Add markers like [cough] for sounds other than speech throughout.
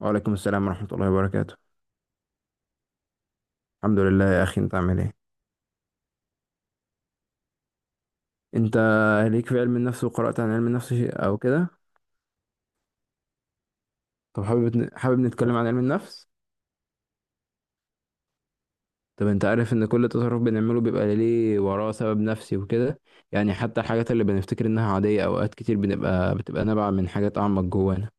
وعليكم السلام ورحمة الله وبركاته. الحمد لله يا أخي، أنت عامل إيه؟ أنت ليك في علم النفس، وقرأت عن علم النفس شيء أو كده؟ طب حابب نتكلم عن علم النفس. طب أنت عارف إن كل تصرف بنعمله بيبقى ليه وراه سبب نفسي وكده. يعني حتى الحاجات اللي بنفتكر إنها عادية، أوقات كتير بتبقى نابعة من حاجات أعمق جوانا.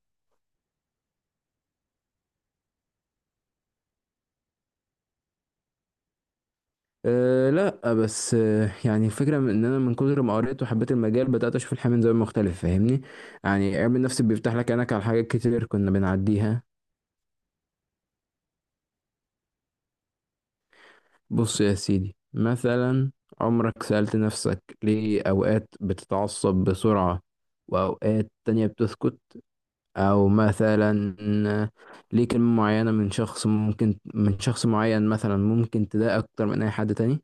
لا بس، يعني الفكرة من إن أنا من كتر ما قريت وحبيت المجال، بدأت أشوف الحياة من زاوية مختلف، فاهمني؟ يعني علم النفس بيفتح لك عينك على حاجات كتير كنا بنعديها. بص يا سيدي، مثلا عمرك سألت نفسك ليه أوقات بتتعصب بسرعة وأوقات تانية بتسكت؟ أو مثلا، ليه كلمة معينة من شخص ممكن، من شخص معين مثلا، ممكن تضايق أكتر من أي حد تاني؟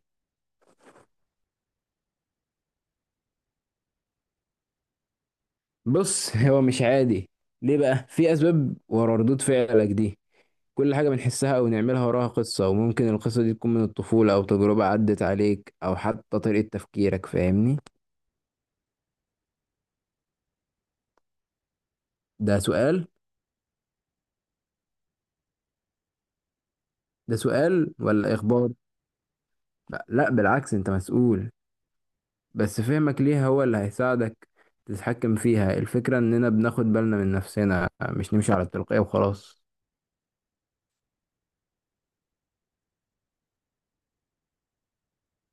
بص [laughs] هو مش عادي. ليه؟ بقى في أسباب ورا ردود فعلك دي. كل حاجة بنحسها أو نعملها وراها قصة، وممكن القصة دي تكون من الطفولة أو تجربة عدت عليك أو حتى طريقة تفكيرك، فاهمني؟ ده سؤال ده سؤال ولا إخبار؟ لا بالعكس، أنت مسؤول، بس فهمك ليها هو اللي هيساعدك تتحكم فيها. الفكرة إننا بناخد بالنا من نفسنا، مش نمشي على التلقائي وخلاص.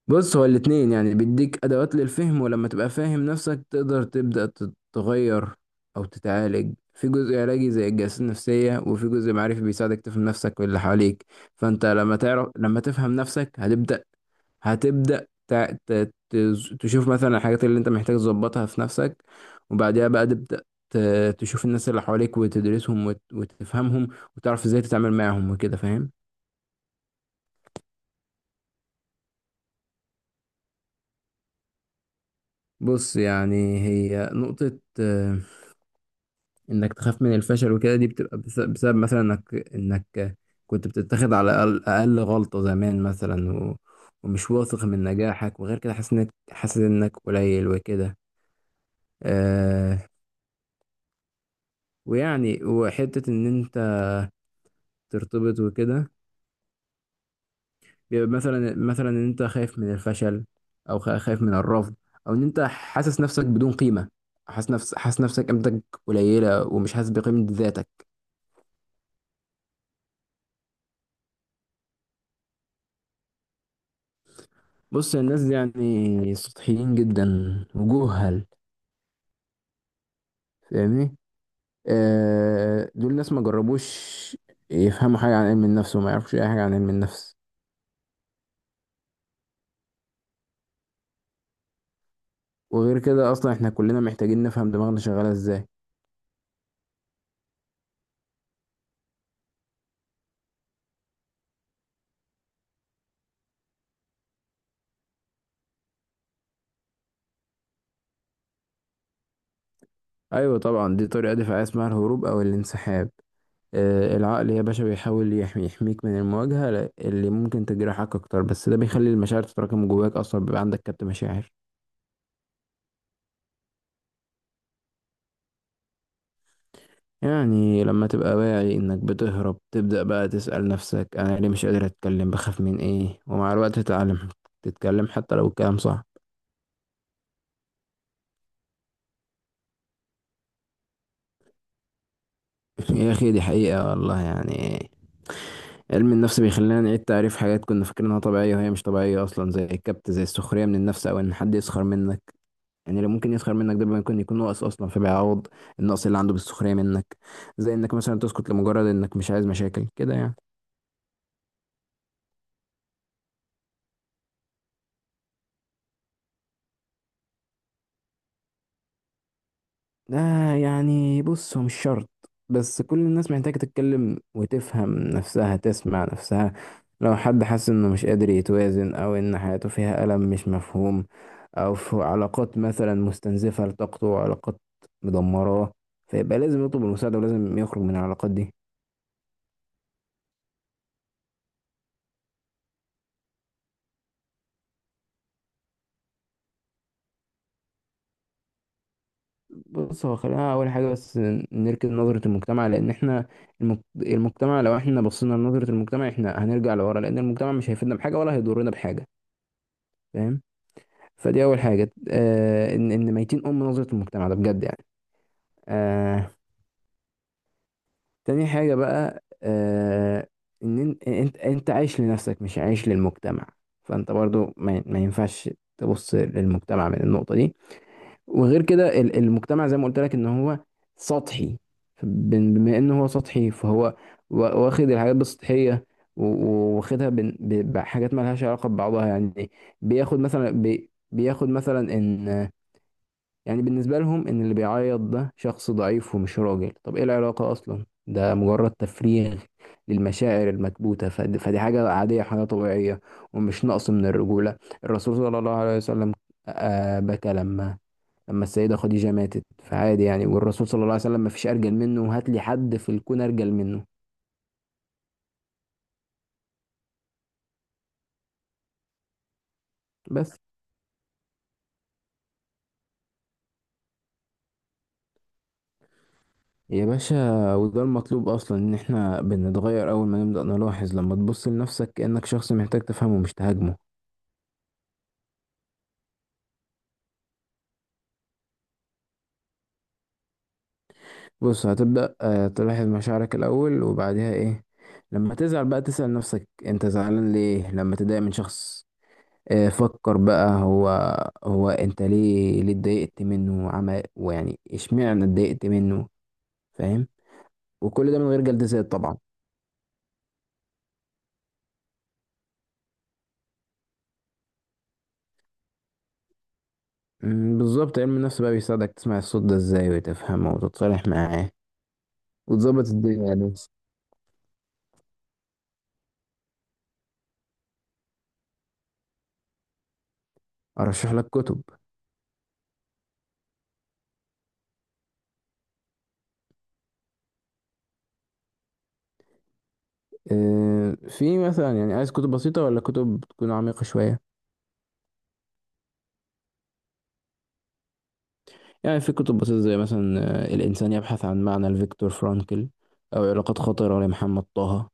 بص هو الاتنين، يعني بيديك أدوات للفهم، ولما تبقى فاهم نفسك تقدر تبدأ تتغير أو تتعالج. في جزء علاجي زي الجلسات النفسية، وفي جزء معرفي بيساعدك تفهم نفسك واللي حواليك. فأنت لما تعرف، لما تفهم نفسك، هتبدأ تشوف مثلا الحاجات اللي انت محتاج تظبطها في نفسك. وبعدها بقى تبدأ تشوف الناس اللي حواليك وتدرسهم وتفهمهم، وتعرف ازاي تتعامل معاهم وكده، فاهم؟ بص يعني هي نقطة، انك تخاف من الفشل وكده، دي بتبقى بسبب مثلا انك كنت بتتخذ على أقل غلطة زمان مثلا، ومش واثق من نجاحك، وغير كده حاسس انك قليل وكده. آه، ويعني وحتة ان انت ترتبط وكده، بيبقى مثلا ان انت خايف من الفشل، او خايف من الرفض، او ان انت حاسس نفسك بدون قيمه. حاسس نفسك قيمتك قليله ومش حاسس بقيمه ذاتك. بص الناس دي يعني سطحيين جدا، وجهل، فاهمني؟ دول ناس ما جربوش يفهموا حاجه عن علم النفس، وما يعرفوش اي حاجه عن علم النفس. وغير كده اصلا احنا كلنا محتاجين نفهم دماغنا شغاله ازاي. ايوه طبعا، دي طريقه دفاعيه اسمها الهروب او الانسحاب. العقل يا باشا بيحاول يحمي، يحميك من المواجهة اللي ممكن تجرحك أكتر، بس ده بيخلي المشاعر تتراكم جواك، أصلا بيبقى عندك كبت مشاعر. يعني لما تبقى واعي إنك بتهرب، تبدأ بقى تسأل نفسك: أنا ليه مش قادر أتكلم؟ بخاف من إيه؟ ومع الوقت تتعلم تتكلم حتى لو الكلام صح. [laughs] يا أخي دي حقيقة والله، يعني علم النفس بيخلينا نعيد تعريف حاجات كنا فاكرينها طبيعية وهي مش طبيعية أصلا، زي الكبت، زي السخرية من النفس أو إن حد يسخر منك. يعني اللي ممكن يسخر منك ده ممكن يكون ناقص اصلا، فبيعوض النقص اللي عنده بالسخريه منك. زي انك مثلا تسكت لمجرد انك مش عايز مشاكل كده يعني. ده يعني بص هو مش شرط، بس كل الناس محتاجه تتكلم وتفهم نفسها، تسمع نفسها. لو حد حس انه مش قادر يتوازن، او ان حياته فيها الم مش مفهوم، او في علاقات مثلا مستنزفه لطاقته، وعلاقات مدمراه، فيبقى لازم يطلب المساعده، ولازم يخرج من العلاقات دي. بص هو، خلينا اول حاجه بس نركز نظره المجتمع. لان احنا، المجتمع، لو احنا بصينا لنظره المجتمع احنا هنرجع لورا، لان المجتمع مش هيفيدنا بحاجه ولا هيضرنا بحاجه، فاهم؟ فدي اول حاجه، ان ميتين ام نظره المجتمع ده، بجد يعني. آه تاني حاجه بقى، ان انت عايش لنفسك مش عايش للمجتمع. فانت برضو ما ينفعش تبص للمجتمع من النقطه دي. وغير كده المجتمع زي ما قلت لك ان هو سطحي. بما ان هو سطحي، فهو واخد الحاجات بالسطحيه، واخدها بحاجات ما لهاش علاقه ببعضها يعني. بياخد مثلا، بياخد مثلا ان يعني بالنسبه لهم ان اللي بيعيط ده شخص ضعيف ومش راجل. طب ايه العلاقه اصلا؟ ده مجرد تفريغ للمشاعر المكبوته. فدي حاجه عاديه، حاجه طبيعيه، ومش نقص من الرجوله. الرسول صلى الله عليه وسلم بكى لما السيدة خديجة ماتت، فعادي يعني. والرسول صلى الله عليه وسلم ما فيش أرجل منه، هات لي حد في الكون أرجل منه. بس يا باشا، وده المطلوب أصلا، إن إحنا بنتغير أول ما نبدأ نلاحظ. لما تبص لنفسك كأنك شخص محتاج تفهمه مش تهاجمه. بص هتبدأ تلاحظ مشاعرك الأول، وبعدها إيه؟ لما تزعل بقى تسأل نفسك أنت زعلان ليه. لما تضايق من شخص، فكر بقى، هو أنت ليه اتضايقت منه وعمل، ويعني إشمعنى اتضايقت منه، فاهم؟ وكل ده من غير جلديات طبعا. بالظبط، علم النفس بقى بيساعدك تسمع الصوت ده ازاي، وتفهمه، وتتصالح معاه، وتظبط الدنيا يعني. ارشح لك كتب. في مثلا، يعني عايز كتب بسيطة ولا كتب تكون عميقة شوية؟ يعني في كتب بسيطة زي مثلا الإنسان يبحث عن معنى لفيكتور فرانكل، أو علاقات خطرة لمحمد طه.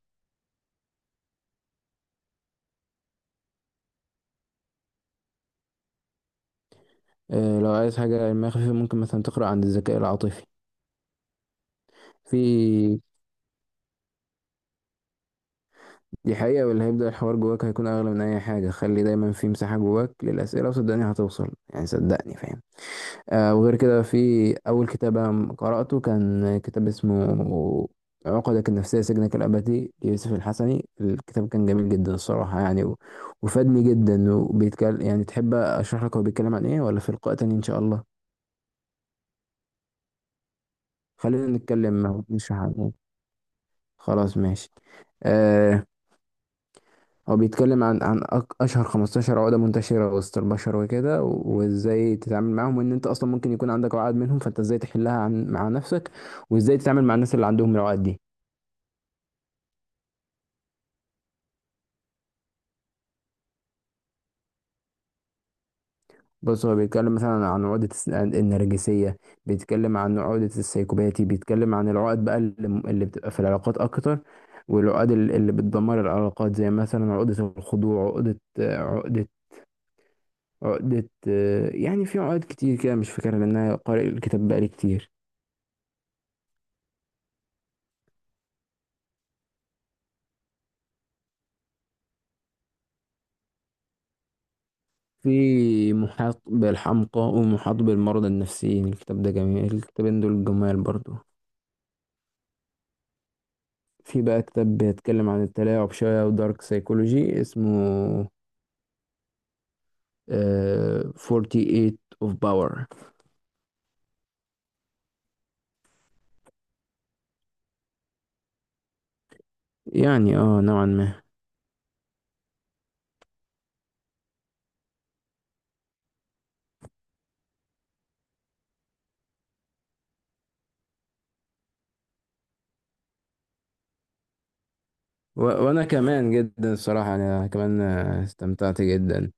لو عايز حاجة علمية خفيفة ممكن مثلا تقرأ عن الذكاء العاطفي. في، دي حقيقة، واللي هيبدأ الحوار جواك هيكون أغلى من أي حاجة. خلي دايما في مساحة جواك للأسئلة، وصدقني هتوصل يعني، صدقني، فاهم؟ وغير كده في، أول كتاب أنا قرأته كان كتاب اسمه عقدك النفسية سجنك الأبدي ليوسف الحسني. الكتاب كان جميل جدا الصراحة يعني، وفادني جدا. وبيتكلم يعني، تحب أشرح لك هو بيتكلم عن إيه ولا في لقاء تاني إن شاء الله؟ خلينا نتكلم، نشرح عن إيه. خلاص ماشي. آه هو بيتكلم عن اشهر 15 عقده منتشره وسط البشر وكده، وازاي تتعامل معاهم، وان انت اصلا ممكن يكون عندك عقد منهم، فانت ازاي تحلها عن مع نفسك، وازاي تتعامل مع الناس اللي عندهم العقد دي. بص هو بيتكلم مثلا عن النرجسية، بيتكلم عن عقدة السيكوباتي، بيتكلم عن العقد بقى اللي بتبقى في العلاقات أكتر، والعقد اللي بتدمر العلاقات، زي مثلا عقدة الخضوع، عقدة، يعني في عقد كتير كده مش فاكرها لأن أنا قارئ الكتاب بقالي كتير. في محاط بالحمقى ومحاط بالمرضى النفسيين، الكتاب ده جميل، الكتابين دول جمال برضو. في بقى كتاب بيتكلم عن التلاعب شوية ودارك سايكولوجي اسمه 48 of Power. يعني اه نوعا ما. وانا كمان جدا الصراحة، انا كمان آه، استمتعت جدا.